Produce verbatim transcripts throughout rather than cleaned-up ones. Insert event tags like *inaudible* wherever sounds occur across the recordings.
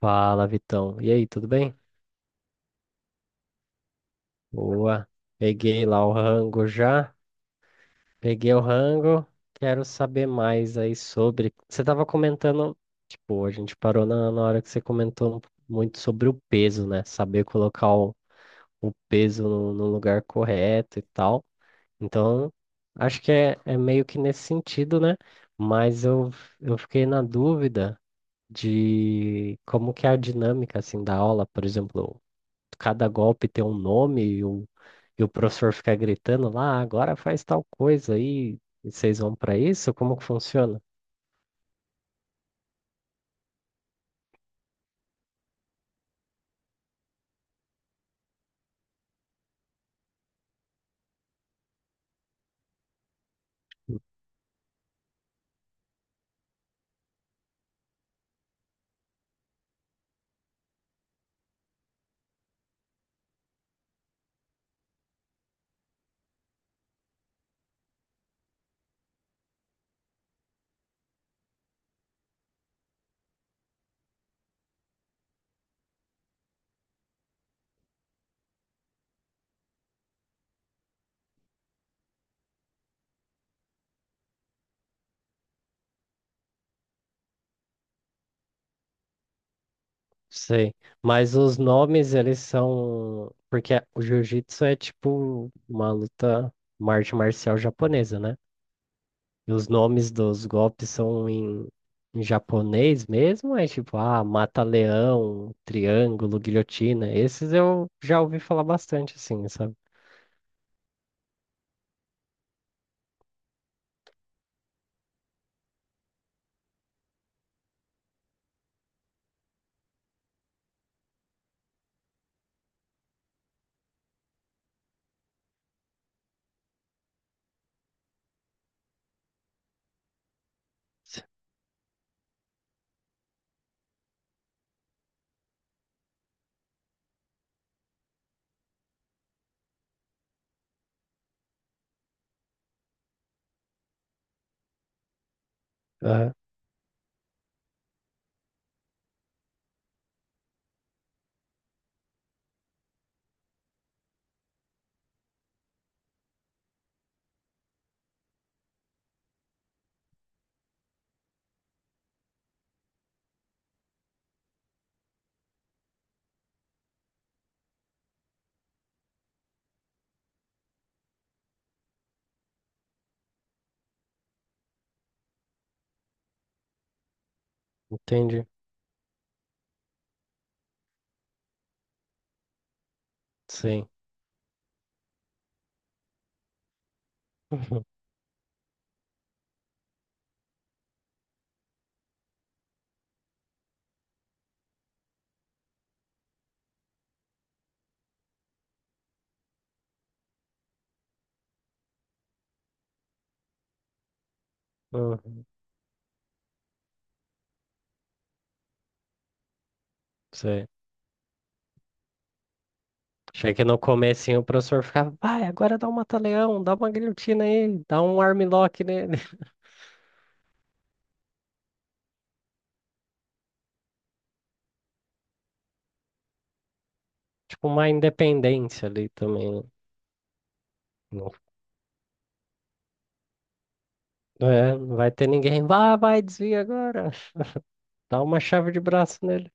Fala, Vitão. E aí, tudo bem? Boa. Peguei lá o rango já. Peguei o rango. Quero saber mais aí sobre. Você tava comentando, tipo, a gente parou na, na hora que você comentou muito sobre o peso, né? Saber colocar o, o peso no, no lugar correto e tal. Então, acho que é, é meio que nesse sentido, né? Mas eu, eu fiquei na dúvida de como que é a dinâmica, assim, da aula, por exemplo. Cada golpe ter um nome e o, e o professor ficar gritando lá: "Ah, agora faz tal coisa aí, e vocês vão para isso?" Como que funciona? Sei, mas os nomes eles são. Porque o jiu-jitsu é tipo uma luta, uma arte marcial japonesa, né? E os nomes dos golpes são em, em japonês mesmo, é tipo, ah, mata-leão, triângulo, guilhotina. Esses eu já ouvi falar bastante, assim, sabe? Ah, entendi. Sim. *laughs* Uhum. Uhum. Sei. Achei que no comecinho o professor ficava, vai, agora dá um mata-leão, dá uma guilhotina aí, dá um armlock nele. *laughs* Tipo, uma independência ali também, né? Não, não é, não vai ter ninguém, vai, vai, desvia agora. *laughs* Dá uma chave de braço nele.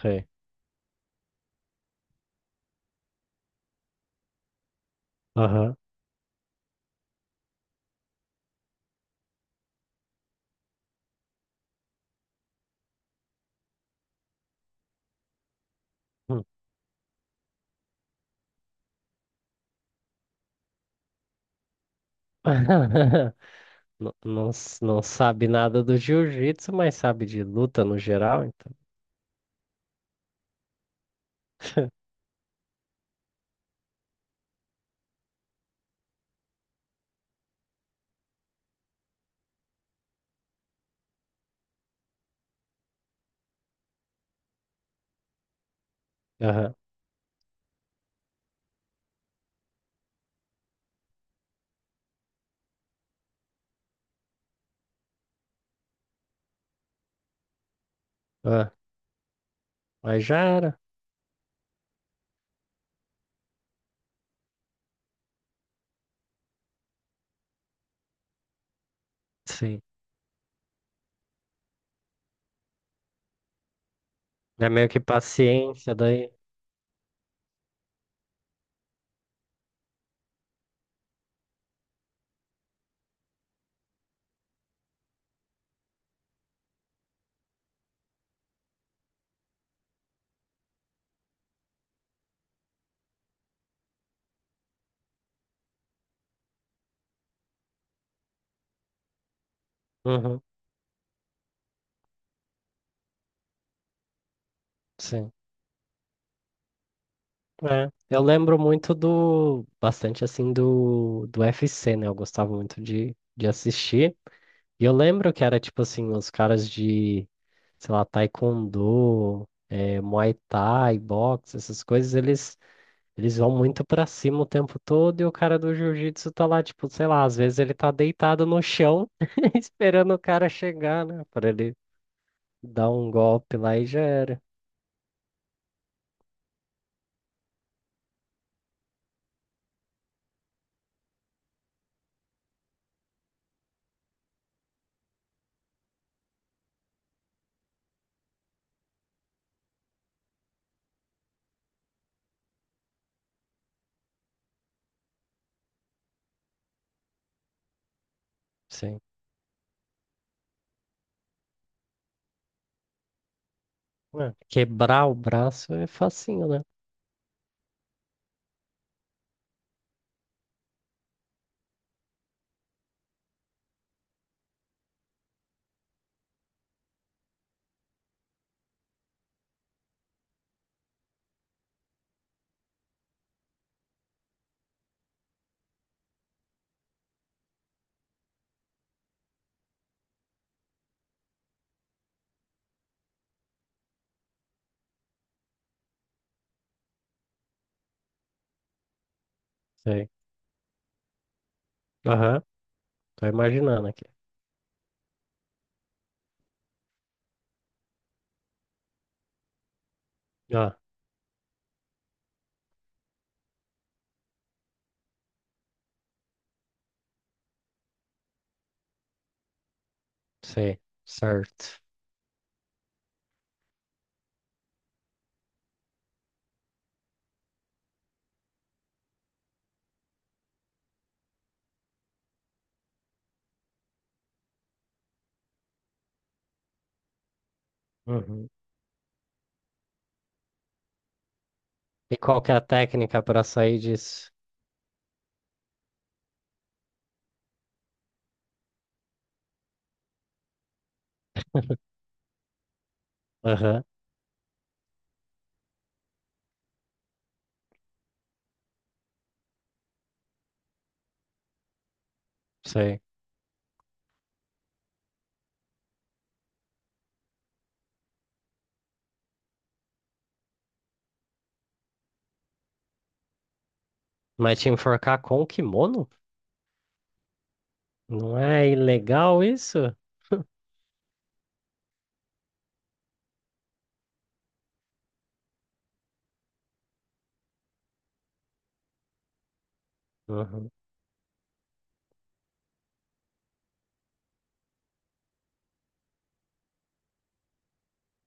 Sei. Aham. Hum. *laughs* Não, não, s- não sabe nada do jiu-jitsu, mas sabe de luta no geral, então. *laughs* Aham. Ah, mas já era. Sim. É meio que paciência daí. Uhum. Sim. É, eu lembro muito do, bastante assim do, do U F C, né? Eu gostava muito de, de assistir. E eu lembro que era tipo assim, os caras de, sei lá, Taekwondo, eh, Muay Thai, boxe, essas coisas, eles, eles vão muito pra cima o tempo todo e o cara do jiu-jitsu tá lá, tipo, sei lá, às vezes ele tá deitado no chão *laughs* esperando o cara chegar, né? Pra ele dar um golpe lá e já era. Sim. É, quebrar o braço é facinho, né? Aham, tô imaginando aqui. Ah, sei, certo. Uhum. E qual que é a técnica para sair disso? Aham, sei. Mas te enforcar com o kimono? Não é ilegal isso? Uhum,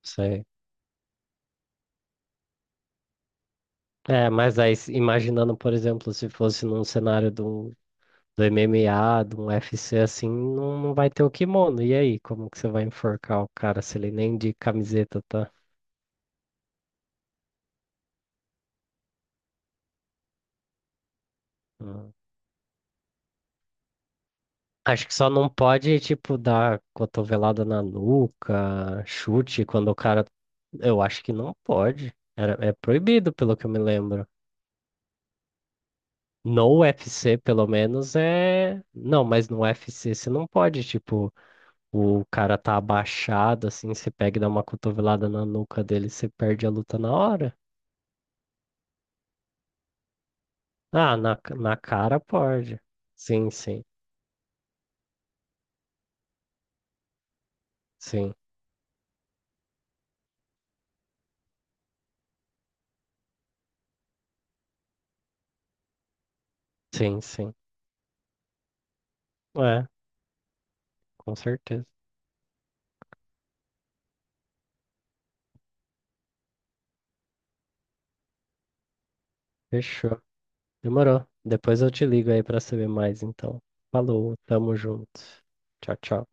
sei. É, mas aí se- imaginando, por exemplo, se fosse num cenário do, do M M A, de um U F C assim, não, não vai ter o kimono. E aí, como que você vai enforcar o cara se ele nem de camiseta tá? Hum. Acho que só não pode, tipo, dar cotovelada na nuca, chute quando o cara. Eu acho que não pode. Era- é proibido, pelo que eu me lembro. No U F C, pelo menos, é. Não, mas no U F C você não pode, tipo, o cara tá abaixado, assim, você pega e dá uma cotovelada na nuca dele, você perde a luta na hora. Ah, na, ca- na cara pode. Sim, sim, sim, sim, sim. É, com certeza. Fechou. Demorou. Depois eu te ligo aí pra saber mais, então. Falou, tamo junto. Tchau, tchau.